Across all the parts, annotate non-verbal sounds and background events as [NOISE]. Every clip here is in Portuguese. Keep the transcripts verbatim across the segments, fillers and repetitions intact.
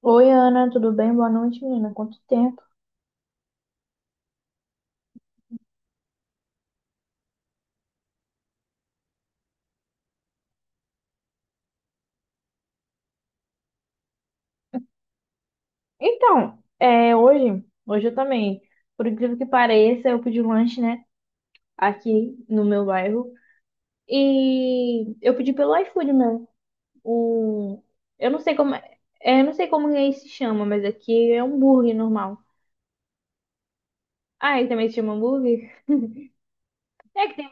Oi, Ana, tudo bem? Boa noite, menina. Quanto tempo? Então, é, hoje, hoje eu também, por incrível que pareça, eu pedi um lanche, né, aqui no meu bairro. E eu pedi pelo iFood mesmo. Um, eu não sei como, é, é, eu não sei como aí se chama, mas aqui é hambúrguer normal. Ah, aí também se chama hambúrguer? É que tem.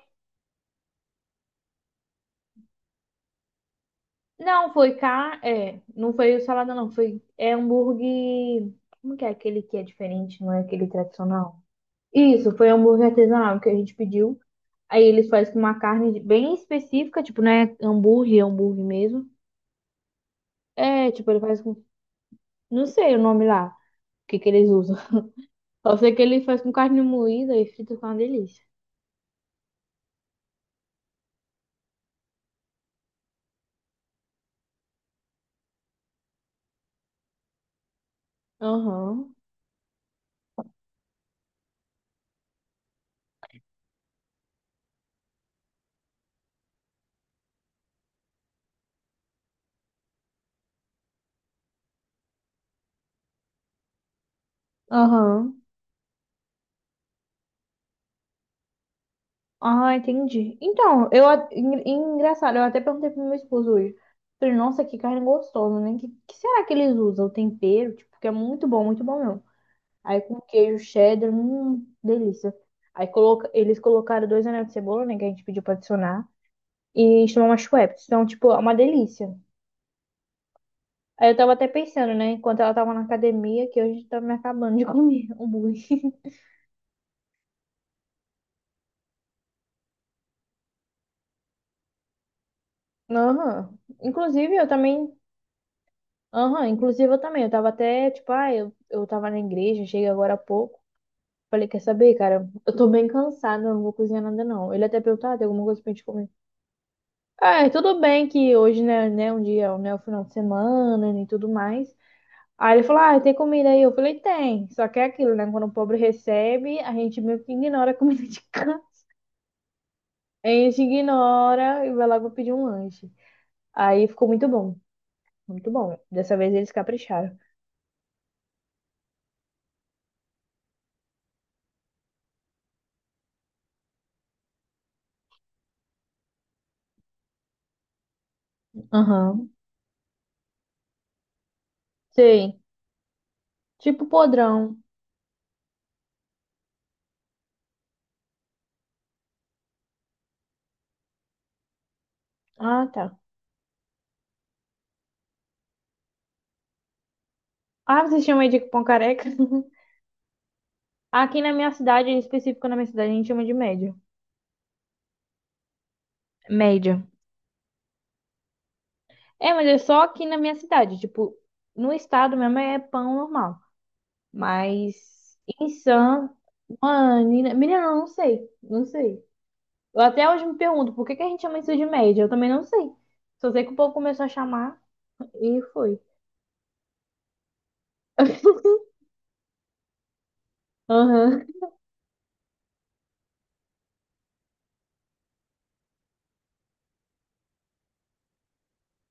Não, foi cá, é, não foi salada não, foi é hambúrguer. Como que é aquele que é diferente, não é aquele tradicional? Isso, foi hambúrguer artesanal que a gente pediu. Aí ele faz com uma carne bem específica, tipo, não é hambúrguer, é hambúrguer mesmo. É, tipo, ele faz com. Não sei o nome lá, o que que eles usam. [LAUGHS] Só sei que ele faz com carne moída e frita com uma delícia. Aham, aham. Ah, entendi. Então, eu. a- en- Engraçado, eu até perguntei pro meu esposo hoje. Falei, nossa, que carne gostosa, né? Que, que será que eles usam? O tempero, tipo, que é muito bom, muito bom mesmo. Aí com queijo cheddar, hum, delícia. Aí coloca, eles colocaram dois anéis de cebola, né, que a gente pediu pra adicionar. E chamam umas wraps. Então, tipo, é uma delícia. Aí eu tava até pensando, né, enquanto ela tava na academia, que hoje tá me acabando de comer hambúrguer. [LAUGHS] Aham. Inclusive, eu também. Aham, inclusive eu também. Eu tava até, tipo, ah, eu, eu tava na igreja, cheguei agora há pouco. Falei, quer saber, cara? Eu tô bem cansada, eu não vou cozinhar nada, não. Ele até perguntou, ah, tem alguma coisa pra gente comer? Ah, é, tudo bem que hoje, né, né, um dia, né, o final de semana né, e tudo mais. Aí ele falou, ah, tem comida aí? Eu falei, tem. Só que é aquilo, né? Quando o pobre recebe, a gente meio que ignora a comida de cá. A gente ignora e vai logo pedir um lanche. Aí ficou muito bom. Muito bom. Dessa vez eles capricharam. Aham. Sei. Tipo podrão. Ah, tá. Ah, vocês chamam aí de pão careca? [LAUGHS] Aqui na minha cidade, em específico na minha cidade, a gente chama de média. Média. É, mas é só aqui na minha cidade. Tipo, no estado mesmo é pão normal. Mas em Sam, Ah, Nina... Menina, eu não sei. Não sei. Eu até hoje me pergunto por que que a gente chama isso de média. Eu também não sei. Só sei que o povo começou a chamar e foi. Aham.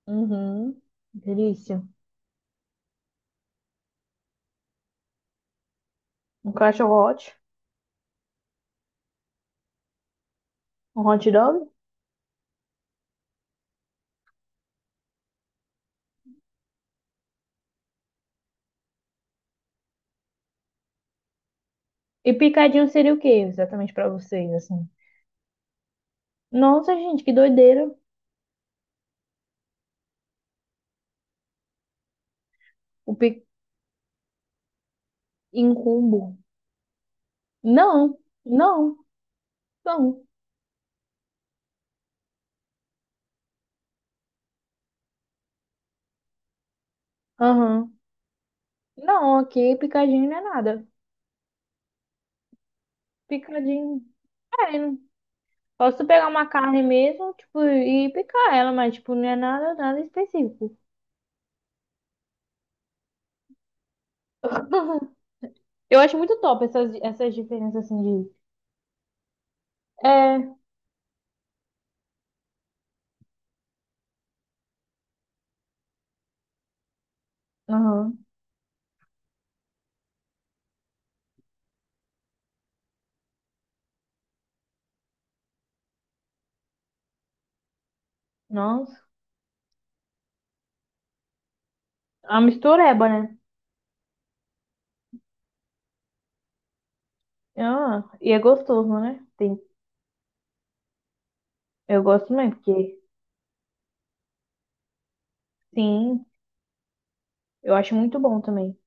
Uhum. Delícia. Um cachorro hot. Um hot dog. E picadinho seria o quê exatamente pra vocês, assim? Nossa, gente, que doideira. O pic... em combo. Não, não, não. Aham. Não, aqui picadinho não é nada. Picadinho. É, posso pegar uma carne mesmo, tipo, e picar ela, mas, tipo, não é nada, nada específico. [LAUGHS] Eu acho muito top essas, essas diferenças, assim, de... É, aham, nossa. A mistureba, né? Ah, e é gostoso, né? Tem, eu gosto também, porque, sim, eu acho muito bom também.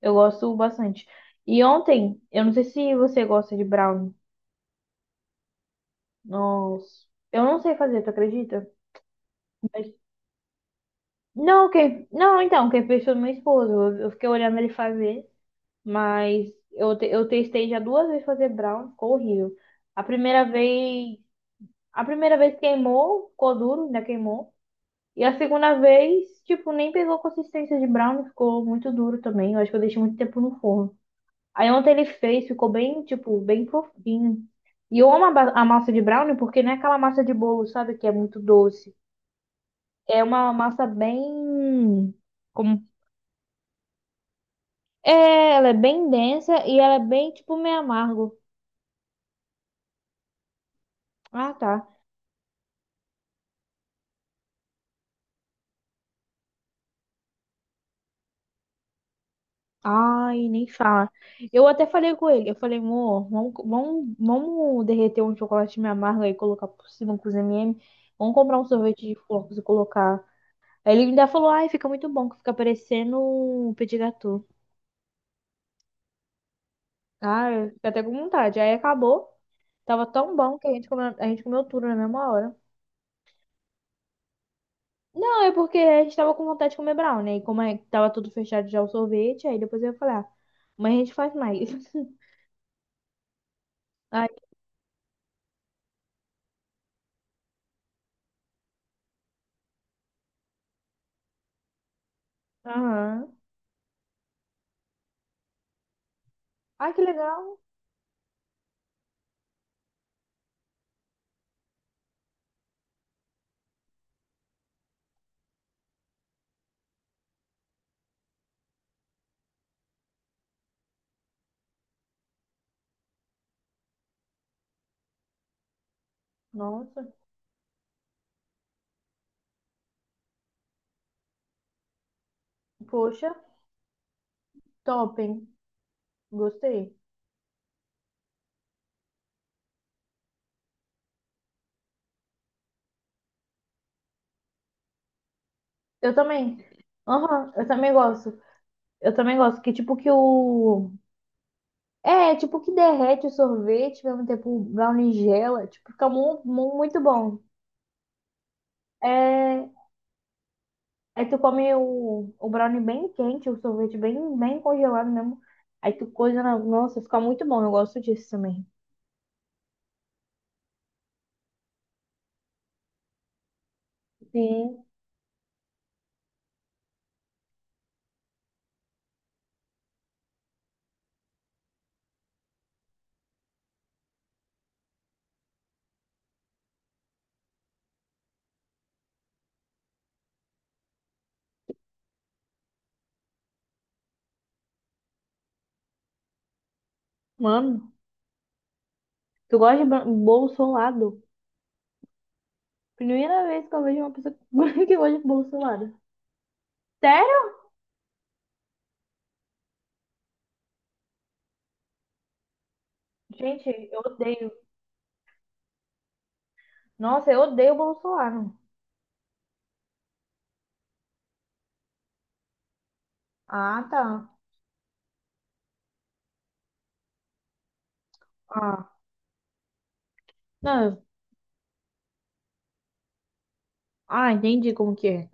Eu gosto bastante. E ontem, eu não sei se você gosta de brownie. Nossa, eu não sei fazer, tu acredita? Mas- Não, quem... Não, então, quem fez foi meu esposo. Eu eu fiquei olhando ele fazer. Mas eu, te- eu testei já duas vezes fazer brown, ficou horrível. A primeira vez, a primeira vez queimou, ficou duro, ainda queimou. E a segunda vez, tipo, nem pegou consistência de brown, ficou muito duro também. Eu acho que eu deixei muito tempo no forno. Aí ontem ele fez, ficou bem, tipo, bem fofinho. E eu amo a, ba- a massa de brownie porque não é aquela massa de bolo, sabe, que é muito doce. É uma massa bem, como, é, ela é bem densa e ela é bem, tipo, meio amargo. Ah, tá. Ai, nem fala. Eu até falei com ele. Eu falei, amor, vamos, vamos, vamos derreter um chocolate meio amargo aí, colocar por cima com os M e M. Vamos comprar um sorvete de flocos e colocar. Aí ele ainda falou, ai, fica muito bom, que fica parecendo um petit gâteau. Ah, eu fiquei até com vontade. Aí acabou. Tava tão bom que a gente comeu, a gente comeu tudo na mesma hora. Não, é porque a gente tava com vontade de comer brownie. E como é, que tava tudo fechado já o sorvete, aí depois eu ia falar, mas a gente faz mais. [LAUGHS] Aí, aham. Ai, que legal. Nossa. Poxa, topem. Gostei. Eu também. Aham, eu também gosto. Eu também gosto. Que tipo que o. É, tipo que derrete o sorvete, ao mesmo tempo o brownie gela. Tipo, fica mu mu- muito bom. É, aí tu come o, o brownie bem quente, o sorvete bem, bem congelado mesmo. Aí tu coisa na. Nossa, fica muito bom. Eu gosto disso também. Sim. Mano, tu gosta de bra- bolo solado? Primeira vez que eu vejo uma pessoa [LAUGHS] que gosta de bolo solado. Sério? Gente, eu odeio. Nossa, eu odeio o Bolsonaro. Ah, tá. Ah, não. eu- Ah, entendi como que é.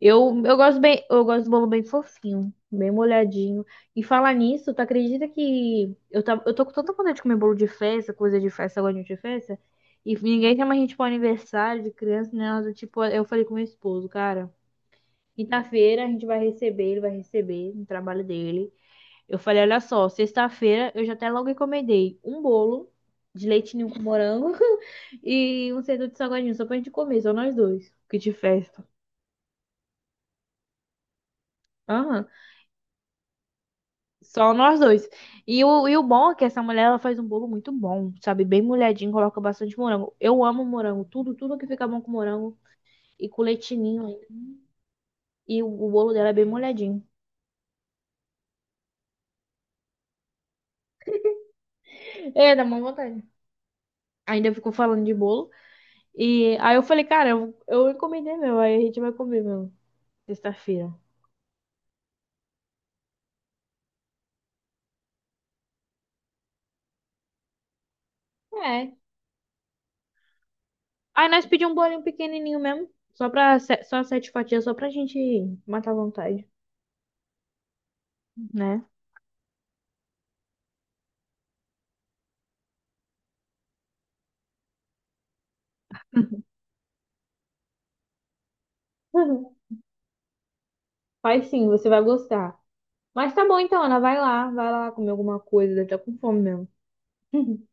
Eu, eu gosto bem, eu gosto do bolo bem fofinho, bem molhadinho. E falar nisso, tu acredita que eu, tá, eu tô com tanta vontade de comer bolo de festa, coisa de festa, agora de festa, e ninguém chama a gente pra aniversário de criança, né? Nada do tipo, eu falei com meu esposo, cara, quinta-feira a gente vai receber, ele vai receber no trabalho dele. Eu falei, olha só, sexta-feira eu já até logo encomendei um bolo de leite ninho com morango. [LAUGHS] E um centro de salgadinho só pra gente comer, só nós dois. Que de festa. Aham, só nós dois. E o, e o bom é que essa mulher ela faz um bolo muito bom, sabe? Bem molhadinho, coloca bastante morango. Eu amo morango, tudo, tudo que fica bom com morango e com leitinho ainda. E o, o bolo dela é bem molhadinho. É, dá uma vontade. Ainda ficou falando de bolo. E aí eu falei, cara, eu, eu encomendei meu, aí a gente vai comer meu, sexta-feira. É. Aí nós pedimos um bolinho pequenininho mesmo, só pra, se- só sete fatias, só pra gente matar a vontade. Né? [LAUGHS] Faz sim, você vai gostar. Mas tá bom então, Ana, vai lá, vai lá comer alguma coisa, deve tá com fome mesmo. [LAUGHS]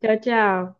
Tchau, tchau.